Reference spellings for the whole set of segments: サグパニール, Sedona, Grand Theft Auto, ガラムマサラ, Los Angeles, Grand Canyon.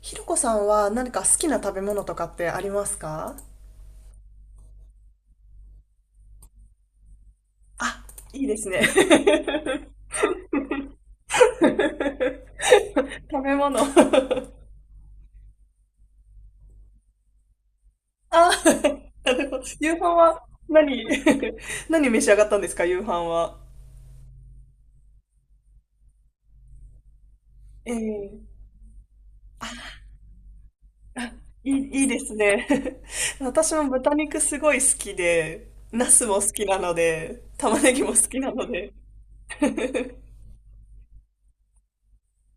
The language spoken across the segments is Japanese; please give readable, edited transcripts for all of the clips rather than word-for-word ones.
ひろこさんは何か好きな食べ物とかってありますか？あ、いいですね。食べ物。あ、なるほど。夕飯は何？ 何召し上がったんですか、夕飯は。ええ、いい、いいですね。私も豚肉すごい好きで、ナスも好きなので、玉ねぎも好きなので、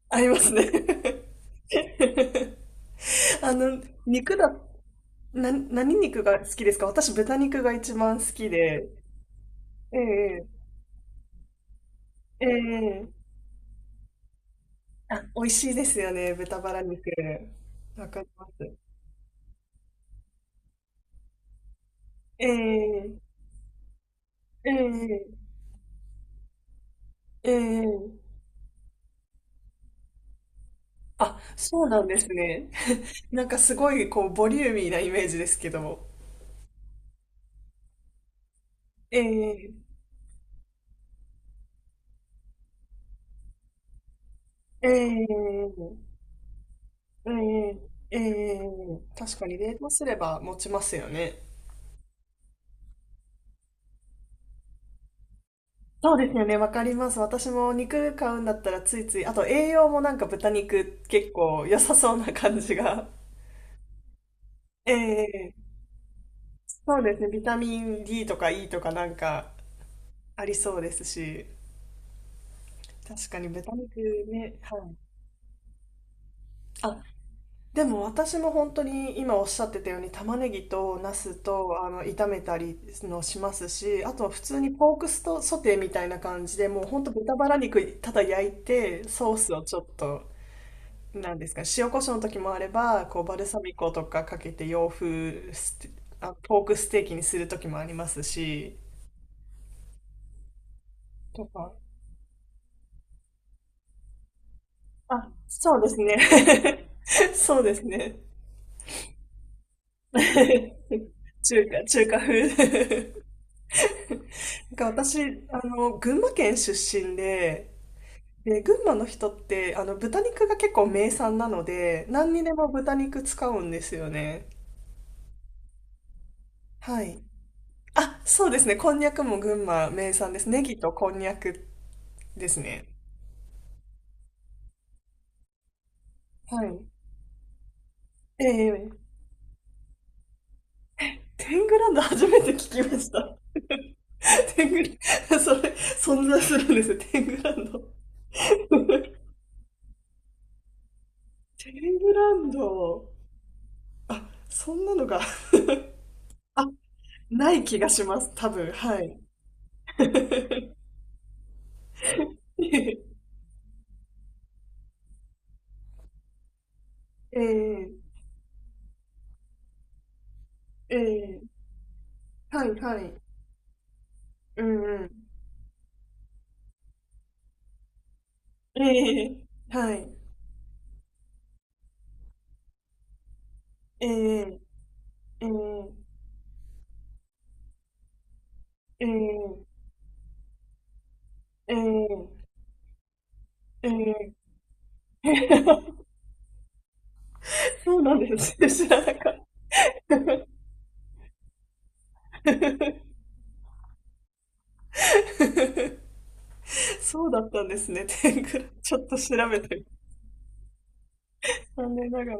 ありますね。あの、肉だ、な、何肉が好きですか？私、豚肉が一番好きで。ええ、ええ、あ、美味しいですよね、豚バラ肉。わかります。ええ、ええ、ええ。あ、そうなんですね。なんかすごい、こう、ボリューミーなイメージですけども。ええ、ええ、ええ、ええ。確かに冷凍すれば持ちますよね。そうですよね、わかります。私も肉買うんだったらついつい、あと栄養もなんか豚肉結構良さそうな感じが。ええ、そうですね。ビタミン D とか E とかなんかありそうですし、確かに豚肉ね、はい。あ、でも私も本当に今おっしゃってたように玉ねぎとナスと炒めたりのしますし、あと普通にポークストソテーみたいな感じでもう本当豚バラ肉ただ焼いてソースをちょっと。なんですか、塩コショウの時もあれば、こうバルサミコとかかけて洋風ステ、あ、ポークステーキにする時もありますし、とか。あ、そうですね。そうですね。中華、中華風。なんか私、群馬県出身で、で、群馬の人って、豚肉が結構名産なので、何にでも豚肉使うんですよね。はい。あ、そうですね。こんにゃくも群馬名産です。ネギとこんにゃくですね。はい。ええ、テングランド初めて聞きました。テングラ、それ、存在するんですよ、テングランド。テングランド、あ、そんなのが、あ、ない気がします、多分、はい。ええ、ええ、はい、はい。うんうん。ええ、はい。ええ、ええ、ええ、ええ、ええ。 そうなんです。知らなかった。そうだったんですね、テングラちょっと調べてみて。残念ながら。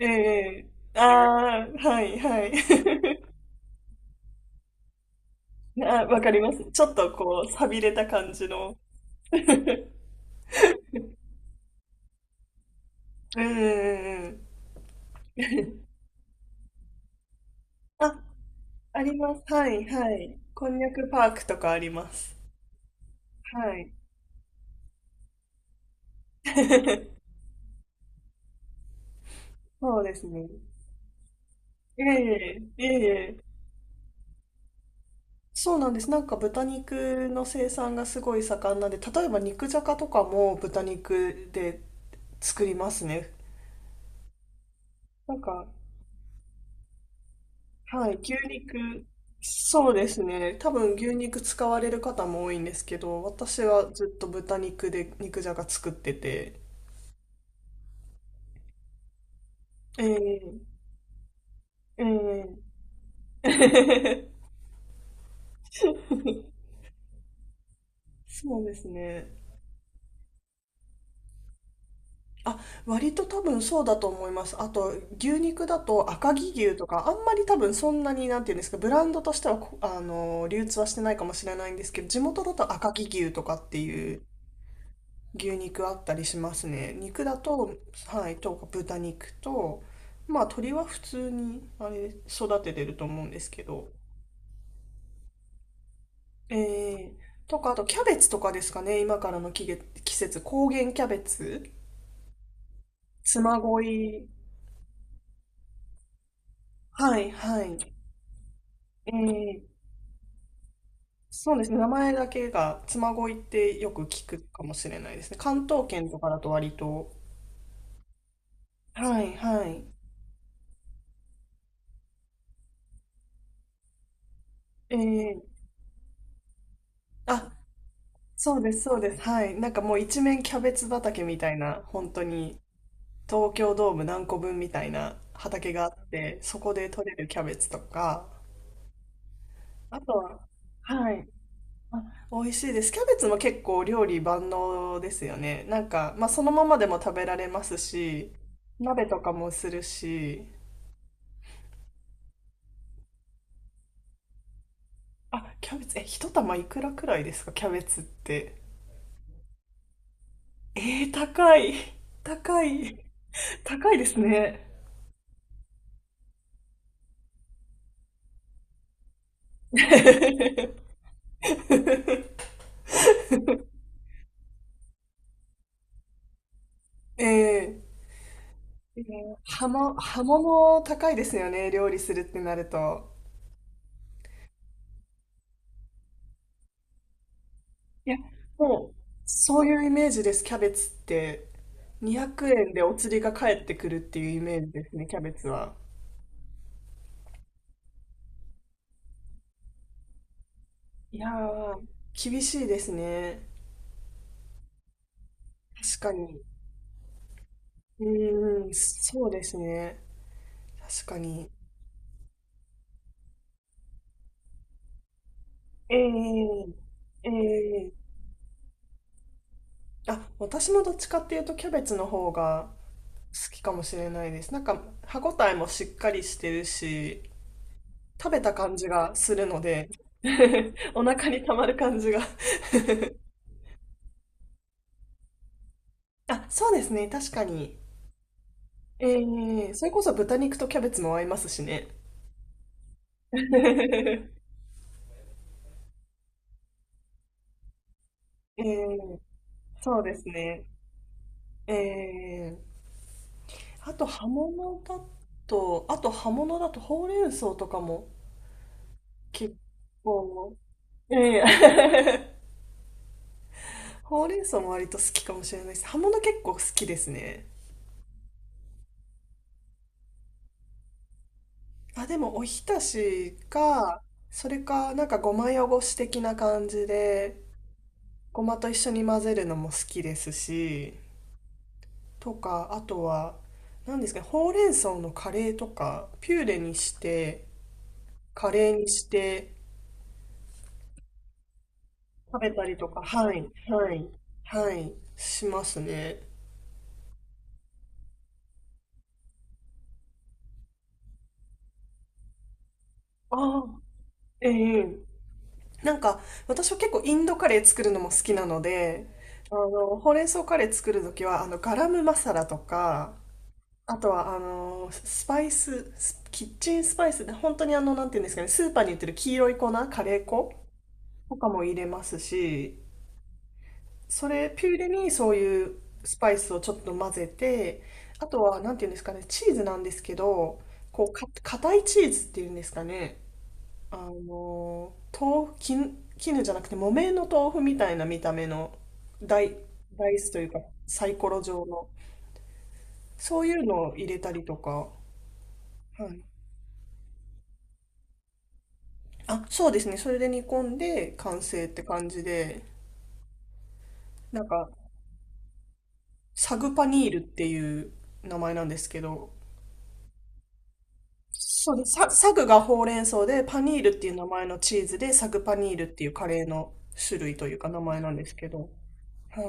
ええ、ああー、はいはい。あ、わかります。ちょっとこう、寂れた感じの。うんうんうん。あ、あります。はいはい。こんにゃくパークとかあります。はい。そうですね。ええ、ええ、そうなんです。なんか豚肉の生産がすごい盛んなんで、例えば肉じゃがとかも豚肉で作りますね。なんか、はい、牛肉、そうですね。多分牛肉使われる方も多いんですけど、私はずっと豚肉で肉じゃが作ってて。ええ、ええ。 そうですね。あ、割と多分そうだと思います。あと、牛肉だと赤城牛とか、あんまり多分そんなに、なんていうんですか、ブランドとしてはこ、流通はしてないかもしれないんですけど、地元だと赤城牛とかっていう牛肉あったりしますね。肉だと、はい、とか豚肉と、まあ、鶏は普通に、あれ、育ててると思うんですけど。えー、とか、あとキャベツとかですかね、今からの季節、高原キャベツ、嬬恋、はい、はい。えー、そうですね。名前だけが妻恋ってよく聞くかもしれないですね。関東圏とかだと割と。はい、はい。えー、あ、そうです、そうです。はい。なんかもう一面キャベツ畑みたいな、本当に東京ドーム何個分みたいな畑があって、そこで採れるキャベツとか、あとは、はい。あ、美味しいです。キャベツも結構料理万能ですよね。なんか、まあそのままでも食べられますし、鍋とかもするし、あ、キャベツ、え、一玉いくらくらいですか、キャベツって。えー、高い。高い。高いですね。ええ、えー、葉も、葉物高いですよね、料理するってなると。いや、もう、そういうイメージです、キャベツって。200円でお釣りが返ってくるっていうイメージですね、キャベツは。いやー、厳しいですね。確かに。うーん、そうですね。確かに。ええ、ええ、あ、私もどっちかっていうとキャベツの方が好きかもしれないです。なんか歯ごたえもしっかりしてるし、食べた感じがするので、お腹にたまる感じが。 あ、そうですね、確かに。ええ、それこそ豚肉とキャベツも合いますしね。ええ、そうですね。ええ、あと葉物だと、あと葉物だとほうれん草とかも結構、ええ、ほうれん草も割と好きかもしれないです。葉物結構好きですね。あ、でもおひたしか、それかなんかごま汚し的な感じで、ごまと一緒に混ぜるのも好きですし、とか、あとは、何ですかね、ほうれん草のカレーとか、ピューレにして、カレーにして食べたりとか、はい、はい、はい、しますね。ああ、ええ、なんか、私は結構インドカレー作るのも好きなので、ほうれん草カレー作るときは、ガラムマサラとか、あとは、スキッチンスパイスで、本当になんていうんですかね、スーパーに売ってる黄色い粉、カレー粉とかも入れますし、それ、ピューレにそういうスパイスをちょっと混ぜて、あとは、なんていうんですかね、チーズなんですけど、硬いチーズっていうんですかね、あの、豆腐、絹、絹じゃなくて木綿の豆腐みたいな見た目の大、ダイスというかサイコロ状の、そういうのを入れたりとか、はい。あ、そうですね。それで煮込んで完成って感じで、なんか、サグパニールっていう名前なんですけど、そうです。サグがほうれん草で、パニールっていう名前のチーズで、サグパニールっていうカレーの種類というか名前なんですけど、は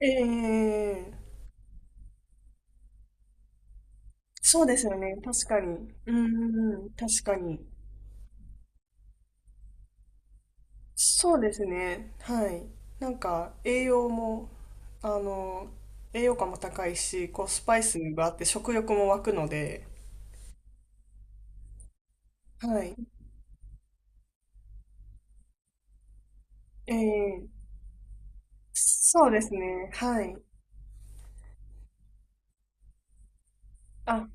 い。ええ、そうですよね。確かに。うんうんうん。確かに。そうですね。はい。なんか、栄養も、あの、栄養価も高いし、こう、スパイスがあって食欲も湧くので、はい。えー、そうですね。はい。あ、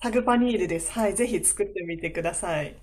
タグパニールです。はい。ぜひ作ってみてください。